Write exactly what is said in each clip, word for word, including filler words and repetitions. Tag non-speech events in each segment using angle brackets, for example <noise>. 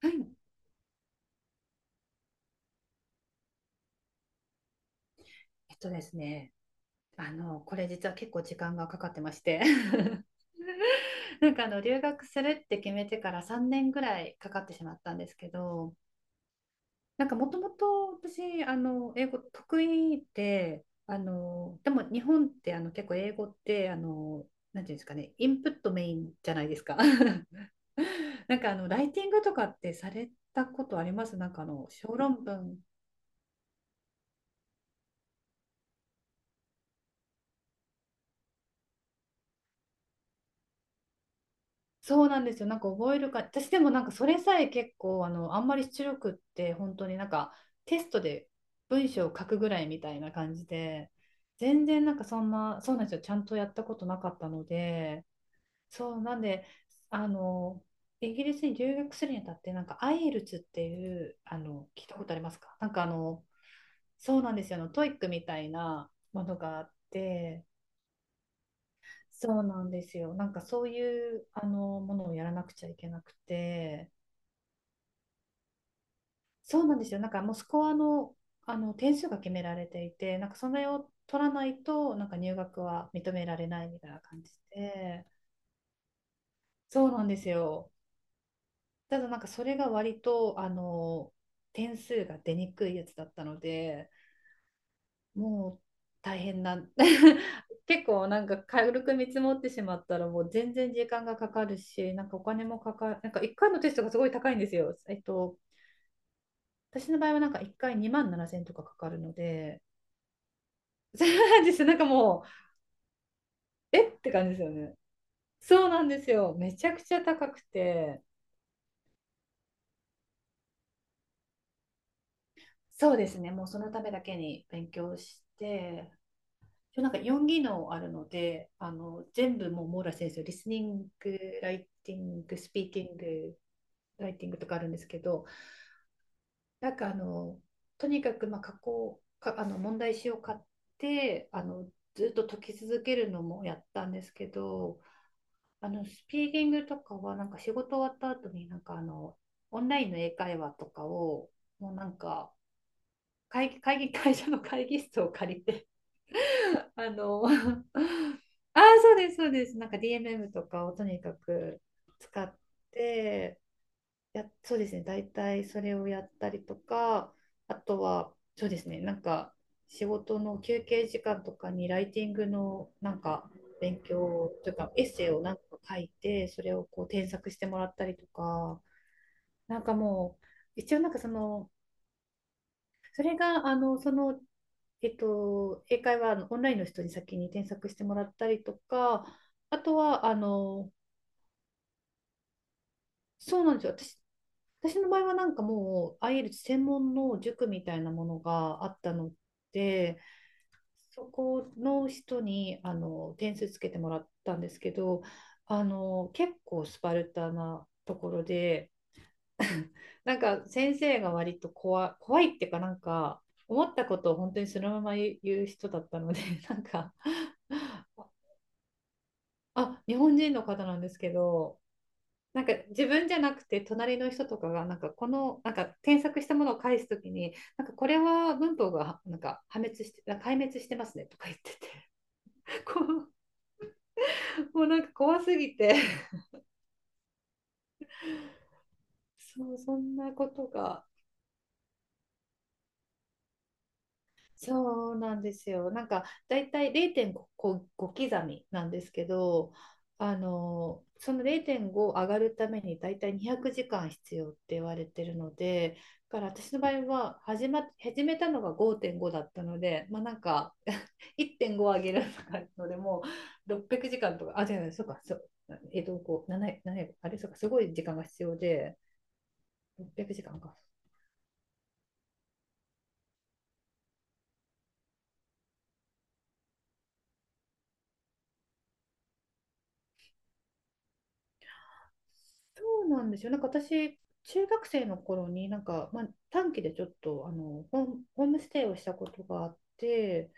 はい。えっとですね、あの、これ実は結構時間がかかってまして <laughs> なんかあの、留学するって決めてからさんねんぐらいかかってしまったんですけど、なんかもともと私、あの、英語得意で、あの、でも日本ってあの結構英語って、あの、なんていうんですかね、インプットメインじゃないですか。 <laughs> なんかあの、ライティングとかってされたことあります？なんかあの、小論文。そうなんですよ。なんか覚えるか、私でもなんかそれさえ結構あの、あんまり出力って本当になんかテストで文章を書くぐらいみたいな感じで、全然なんかそんな、そうなんですよ。ちゃんとやったことなかったので、そうなんで、あの、イギリスに留学するにあたって、なんか アイエルツ っていう、あの、聞いたことありますか？なんかあの、そうなんですよ。あの、トイックみたいなものがあって、そうなんですよ。なんかそういうあのものをやらなくちゃいけなくて、そうなんですよ。なんかもうスコアの、あの点数が決められていて、なんかそれを取らないと、なんか入学は認められないみたいな感じで、そうなんですよ。ただなんかそれが割と、あの、点数が出にくいやつだったので、もう大変な、<laughs> 結構なんか軽く見積もってしまったら、もう全然時間がかかるし、なんかお金もかかる、なんかいっかいのテストがすごい高いんですよ。えっと、私の場合はなんかいっかいにまんななせんとかかかるので、<laughs> そうなんですよ。なんかもう、えって感じですよね。そうなんですよ。めちゃくちゃ高くて。そうですね、もうそのためだけに勉強して、一応なんかよん技能あるので、あの全部もう網羅先生、リスニング、ライティング、スピーキング、ライティングとかあるんですけど、なんかあのとにかくまあ加工かあの問題集を買ってあのずっと解き続けるのもやったんですけど、あの、スピーキングとかは、なんか仕事終わった後に、なんかあの、オンラインの英会話とかを、もうなんか、会議、会議、<laughs> 会社の会議室を借りて、<laughs> あの、<laughs> ああ、そうです、そうです。なんか ディーエムエム とかをとにかく使って、や、そうですね。大体それをやったりとか、あとは、そうですね。なんか、仕事の休憩時間とかにライティングのなんか勉強というか、エッセイをなんか書いて、それをこう添削してもらったりとか、なんかもう、一応なんかその、それが、あの、その、えっと、英会話あのオンラインの人に先に添削してもらったりとか、あとは、あの、そうなんですよ。私、私の場合はなんかもうあ e l t 専門の塾みたいなものがあったので、そこの人にあの点数つけてもらったんですけど、あの結構スパルタなところで、なんか先生が割と怖い、怖いっていうかなんか思ったことを本当にそのまま言う人だったので、なんかあ、日本人の方なんですけど、なんか自分じゃなくて隣の人とかがなんかこのなんか添削したものを返すときになんかこれは文法がなんか破滅して壊滅してますねとか言ってて <laughs> こうもうなんか怖すぎて。 <laughs> そうそんなことが。そうなんですよ。なんかだいたいれいてんご刻みなんですけど、あのそのれいてんご上がるためにだいたいにひゃくじかん必要って言われてるので、だから私の場合は始ま始めたのがごてんごだったので、まあなんか <laughs> いってんご上げるとかのでもうろっぴゃくじかんとか、あ、違う違う、そうか、そう、えっと、こう、なな、なな、あれ、そうか、すごい時間が必要で、ろっぴゃくじかんかんか。そうなんですよ。なんか私、中学生の頃に、なんか、まあ、短期でちょっとあのホーム、ホームステイをしたことがあって、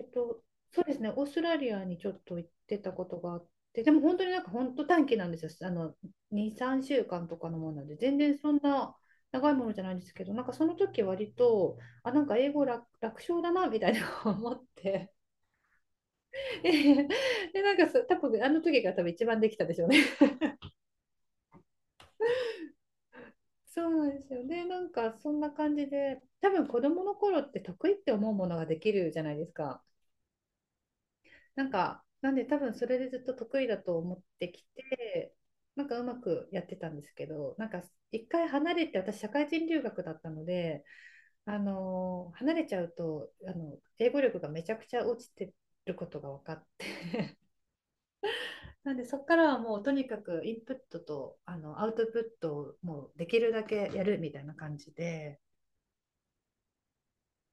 えっと、そうですね、オーストラリアにちょっと行ってたことがあって、でも本当になんか本当短期なんですよ。あの、に、さんしゅうかんとかのものなんで、全然そんな長いものじゃないんですけど、なんかその時割と、あ、なんか英語楽、楽勝だなみたいな思って、<laughs> で、なんかそう多分あの時が多分一番できたでしょうね。そうなんですよね。なんかそんな感じで、多分子供の頃って得意って思うものができるじゃないですか。なんか、なんで多分それでずっと得意だと思ってきて、なんかうまくやってたんですけど、なんか一回離れて、私社会人留学だったので、あのー離れちゃうと、あの、英語力がめちゃくちゃ落ちてることが分かって <laughs> なんでそこからはもうとにかくインプットとあのアウトプットをもうできるだけやるみたいな感じで。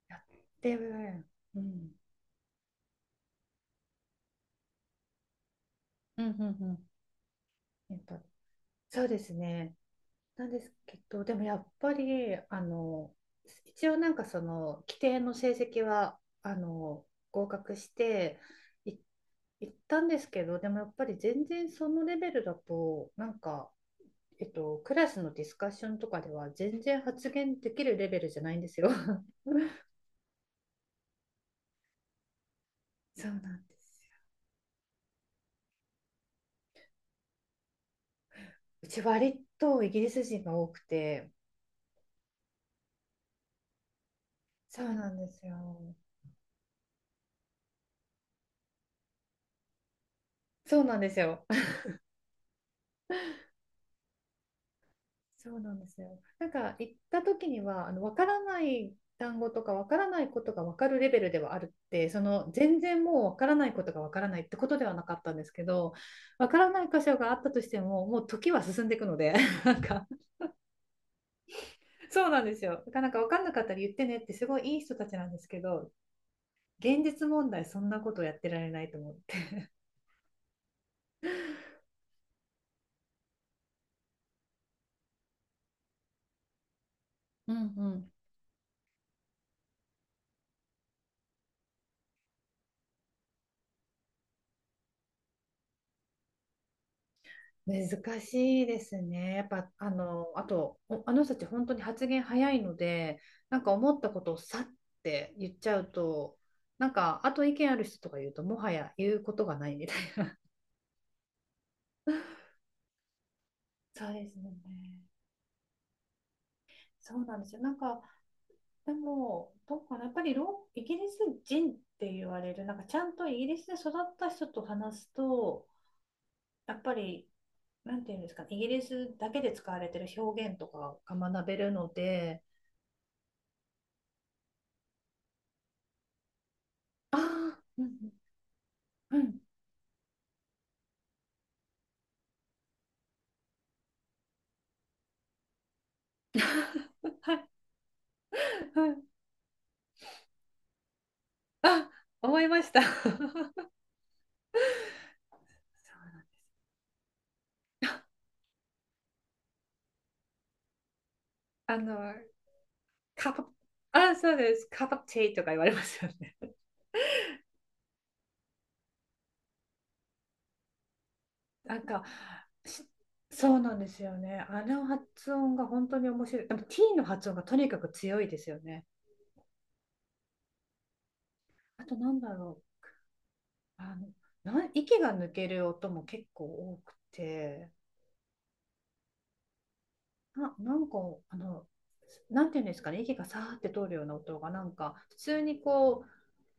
やってる。うん。うんうんうん。えっと、そうですね。なんですけど、でもやっぱり、あの、一応なんかその、規定の成績は、あの、合格して、い、行ったんですけど、でもやっぱり全然そのレベルだと、なんか、えっと、クラスのディスカッションとかでは全然発言できるレベルじゃないんですよ。<laughs> そうなんですよ。うち割とイギリス人が多くて、そうなんですよ。そうなんですよ。そうなんですよ。なんか行った時にはあの分からない単語とか分からないことが分かるレベルではあるって、その全然もう分からないことが分からないってことではなかったんですけど、分からない箇所があったとしてももう時は進んでいくので、 <laughs> なんかそうなんですよ。だからなんか分かんなかったら言ってねってすごいいい人たちなんですけど、現実問題そんなことやってられないと思って。うんうん。難しいですね。やっぱ、あの、あと、お、あの人たち本当に発言早いので、なんか思ったことをさって言っちゃうと、なんか、あと意見ある人とか言うと、もはや言うことがないみたいな。<laughs> そうですよね。そうなんですよ。なんか、でも、どうかな、やっぱりロ、イギリス人って言われる、なんかちゃんとイギリスで育った人と話すと、やっぱり、なんていうんですかね、イギリスだけで使われてる表現とかが学べるので、ああ、うんうんうん。<laughs> はい。うん。あ、思いました。<laughs> そう、あの、カパ、あ、そうです。カパチェイとか言われますよね。<laughs> なんか、し、そうなんですよね。あの発音が本当に面白い。でも T の発音がとにかく強いですよね。あとなんだろう。あの、な、息が抜ける音も結構多くて。な、なんか、あの、なんていうんですかね、息がさーって通るような音が、なんか、普通にこう、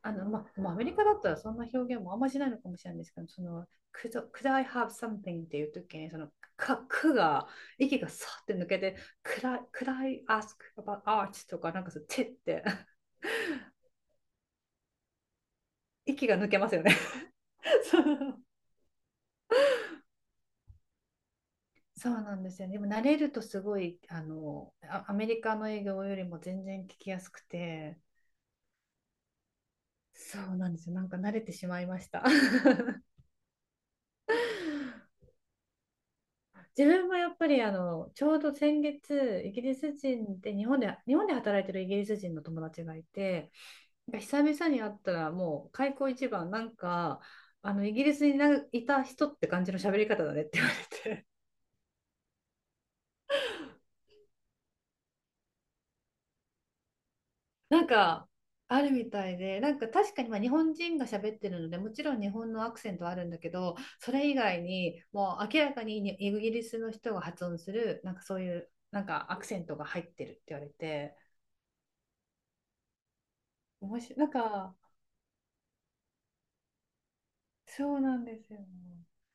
あの、まあ、まあアメリカだったらそんな表現もあんましないのかもしれないんですけど、その、could, could I have something っていう時に、その、か、くが、息がさーって抜けて、could I, could I ask about art とか、なんかそう、てって、<laughs> 息が抜けますよね。<laughs> そうそうなんですよね。でも慣れるとすごい、あの、あアメリカの英語よりも全然聞きやすくて、そうなんですよ。なんか慣れてしまいました。<laughs> 自分もやっぱりあのちょうど先月イギリス人で日本で、日本で働いてるイギリス人の友達がいて、なんか久々に会ったらもう開口一番、なんかあのイギリスにないた人って感じの喋り方だねって言われて <laughs> なんかあるみたいで、なんか確かにまあ日本人が喋ってるのでもちろん日本のアクセントはあるんだけど、それ以外にもう明らかににイギリスの人が発音する、なんかそういうなんかアクセントが入ってるって言われて。面白い。なんかそうなんですよね。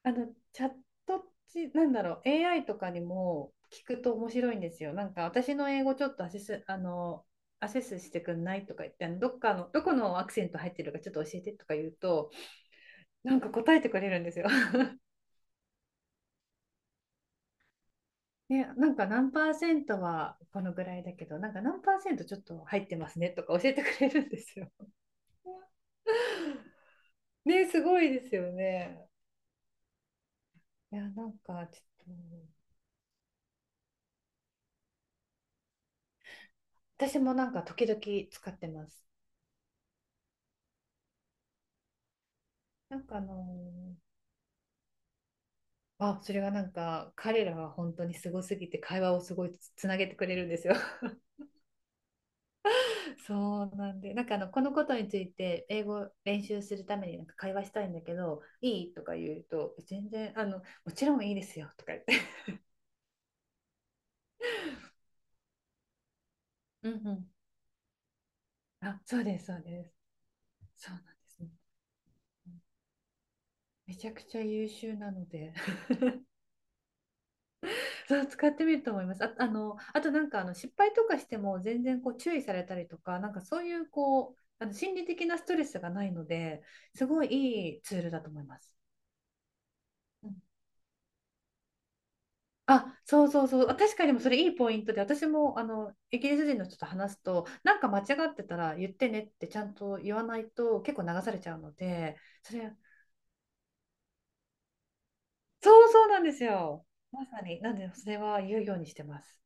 あの、チャットチ、なんだろう、エーアイ とかにも聞くと面白いんですよ。なんか、私の英語ちょっとアセス、あの、アセスしてくんないとか言って、あのどっかの、どこのアクセント入ってるかちょっと教えてとか言うと、なんか答えてくれるんですよ。<laughs> ね、なんか何パーセントはこのぐらいだけど、なんか何パーセントちょっと入ってますねとか教えてくれるんですよ。<laughs> ね、すごいですよね。いや、なんかちょっと、私もなんか時々使ってます。なんかあのあ、それがなんか彼らは本当にすごすぎて会話をすごいつ、つなげてくれるんですよ。<laughs> そうなんで、なんかあのこのことについて英語練習するためになんか会話したいんだけど、いいとか言うと、全然あのもちろんいいですよとか言って。<laughs> うんうん。あ、そうです、そうです。そうなんですね。めちゃくちゃ優秀なので。そう使ってみると思います。あ、あの、あとなんかあの失敗とかしても全然こう注意されたりとか、なんかそういうこう、あの心理的なストレスがないので、すごいいいツールだと思います。うん、あ、そうそうそう。あ確かにでもそれいいポイントで、私もあのイギリス人の人と話すと、なんか間違ってたら言ってねってちゃんと言わないと結構流されちゃうので、それ、そうそうなんですよ。まさに。なんで、それは言うようにしてます。